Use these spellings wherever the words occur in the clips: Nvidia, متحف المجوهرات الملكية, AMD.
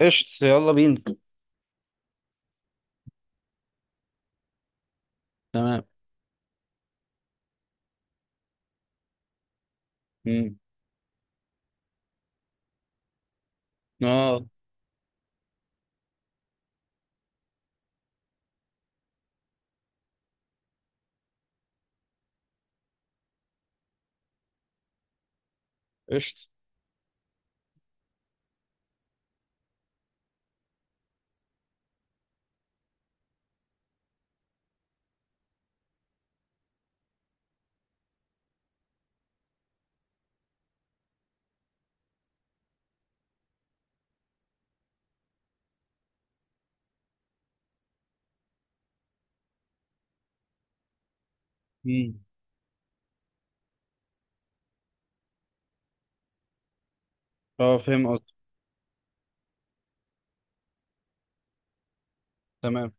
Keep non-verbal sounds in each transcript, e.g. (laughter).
قشط، يلا بينا. تمام. مم. اه، قشط. مم. اه، فاهم قصدي. تمام،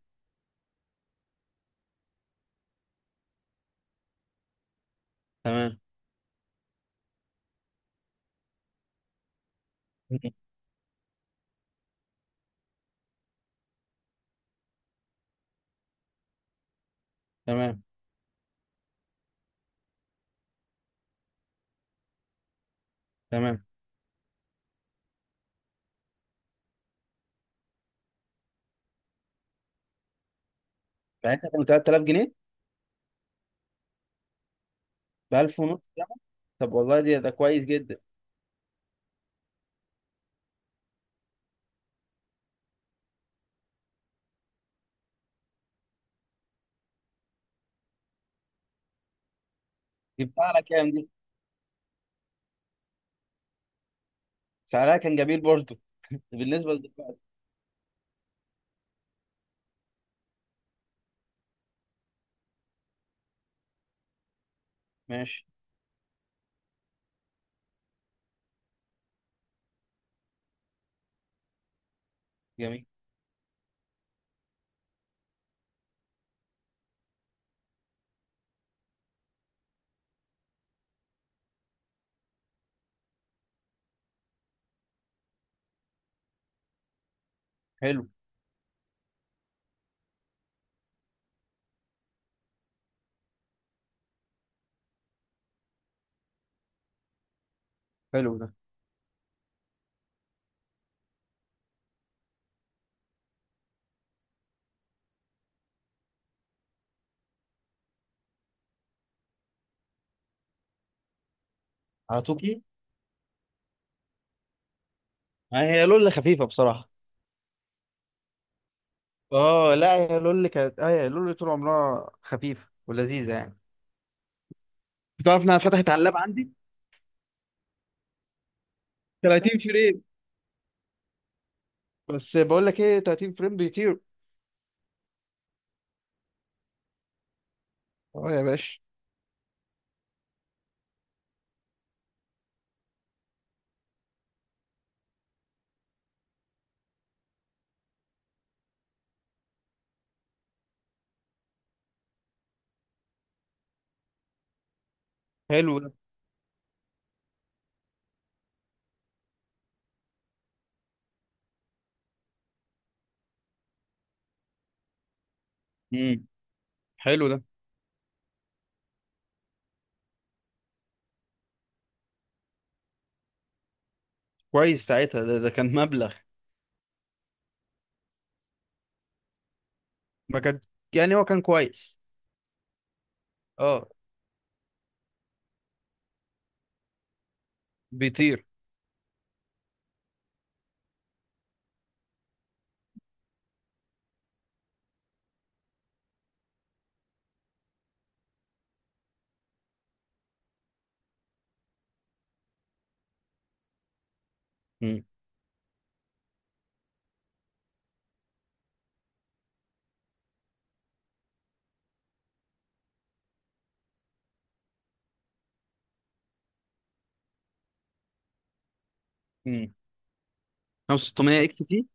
تمام. مم. تمام، تمام. يعني انت كان 3000 جنيه؟ ب 1000 ونص جنيه؟ طب والله، ده كويس جدا. جبتها على كام دي؟ سعرها كان جميل برضه (laughs) بالنسبة لدلوقتي. ماشي. جميل. حلو. حلو ده. على توكي. هي لولة خفيفة بصراحة. اه، لا، هي لول طول عمرها خفيفة ولذيذة، يعني. بتعرف انها فتحت على اللاب عندي؟ 30 فريم. بس بقول لك ايه، 30 فريم بيطير. اه يا باشا. حلو ده. امم حلو ده. كويس ساعتها ده كان مبلغ. ما كان، يعني هو كان كويس. اه، بيطير. امم امم 5600 اكس تي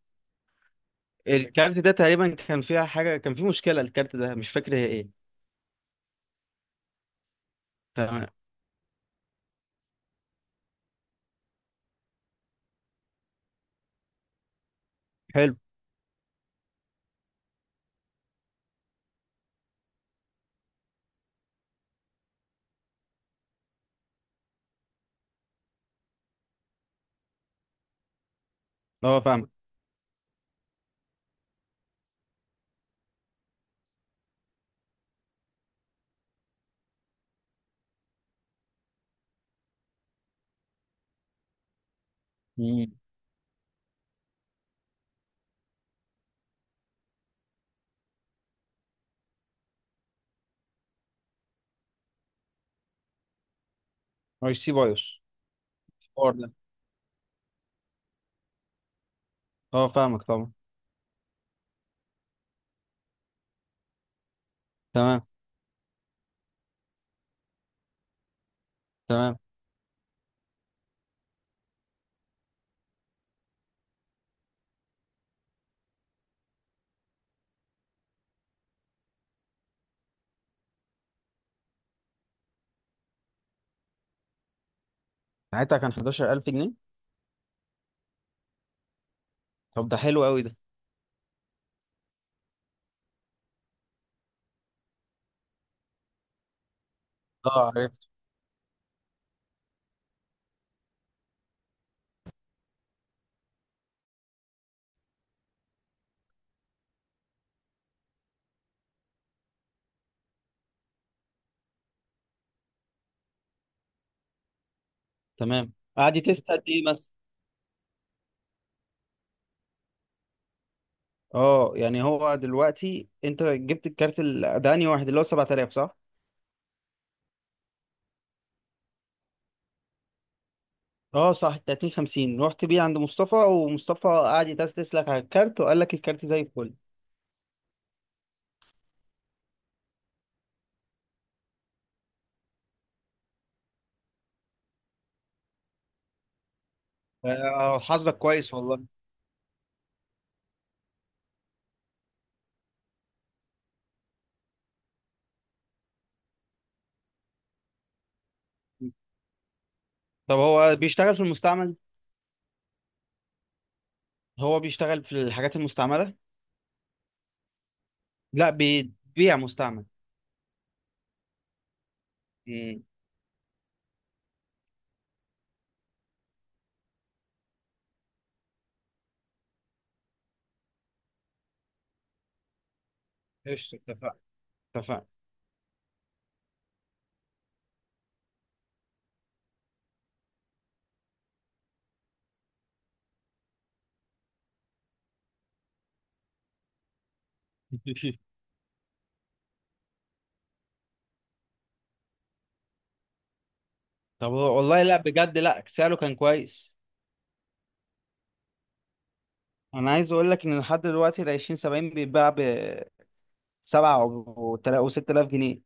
الكارت ده، تقريبا كان فيها حاجه، كان فيه مشكله الكارت ده، مش فاكر هي ايه. تمام. حلو. اه، فاهمك. امم اي سي بايوس الحوار ده. اه، فاهمك طبعا. تمام. تمام. ساعتها كان 11000 جنيه؟ طب ده حلو قوي ده. اه، عرفت. تمام، قعد يتست قد ايه؟ اه، يعني هو دلوقتي انت جبت الكارت ده، انهي واحد، اللي هو 7000، صح؟ اه صح، 30 50 رحت بيه عند مصطفى، ومصطفى قعد يتستس لك على الكارت وقال لك الكارت زي الفل. آه، حظك كويس والله. طب هو بيشتغل في المستعمل؟ هو بيشتغل في الحاجات المستعملة؟ لا، بيبيع مستعمل. امم. قشطة، اتفقنا. اتفقنا. (laughs) طب والله، لا بجد، لا سعره كان كويس. انا عايز اقول لك ان لحد دلوقتي ال 20 70 بيتباع ب 7 و 6000 جنيه.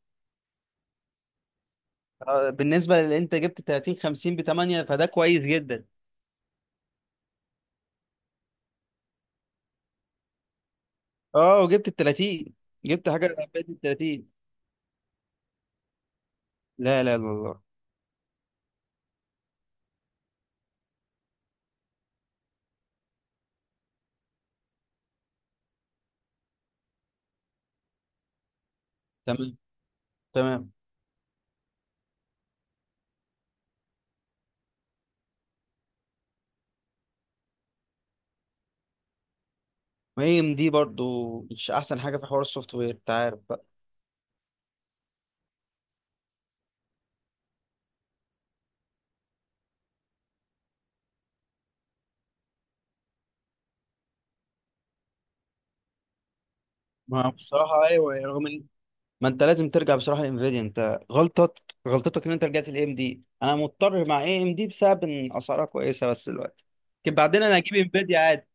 آه، بالنسبه لان انت جبت 30 50 ب 8، فده كويس جدا. اه، وجبت ال 30. جبت حاجه فاتت ال 30. لا لا لا، الله. تمام. تمام. ما هي ام دي برضو مش احسن حاجه في حوار السوفت وير، انت عارف بقى. ما بصراحه ايوه، رغم ان ما انت لازم ترجع بصراحه لانفيديا. انت غلطت، غلطتك ان انت رجعت لاي ام دي. انا مضطر مع اي ام دي بسبب ان اسعارها كويسه بس دلوقتي. لكن بعدين انا هجيب انفيديا عادي.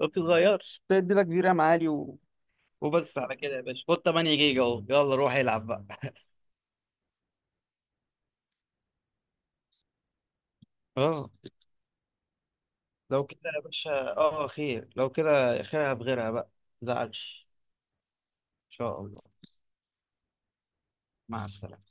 ما بتتغيرش، بتدي لك في رام عالي و. وبس على كده يا باشا، خد 8 جيجا اهو، يلا روح العب بقى. اه، لو كده يا باشا، خير، لو كده خيرها بغيرها بقى. متزعلش. ان شاء الله. مع السلامة.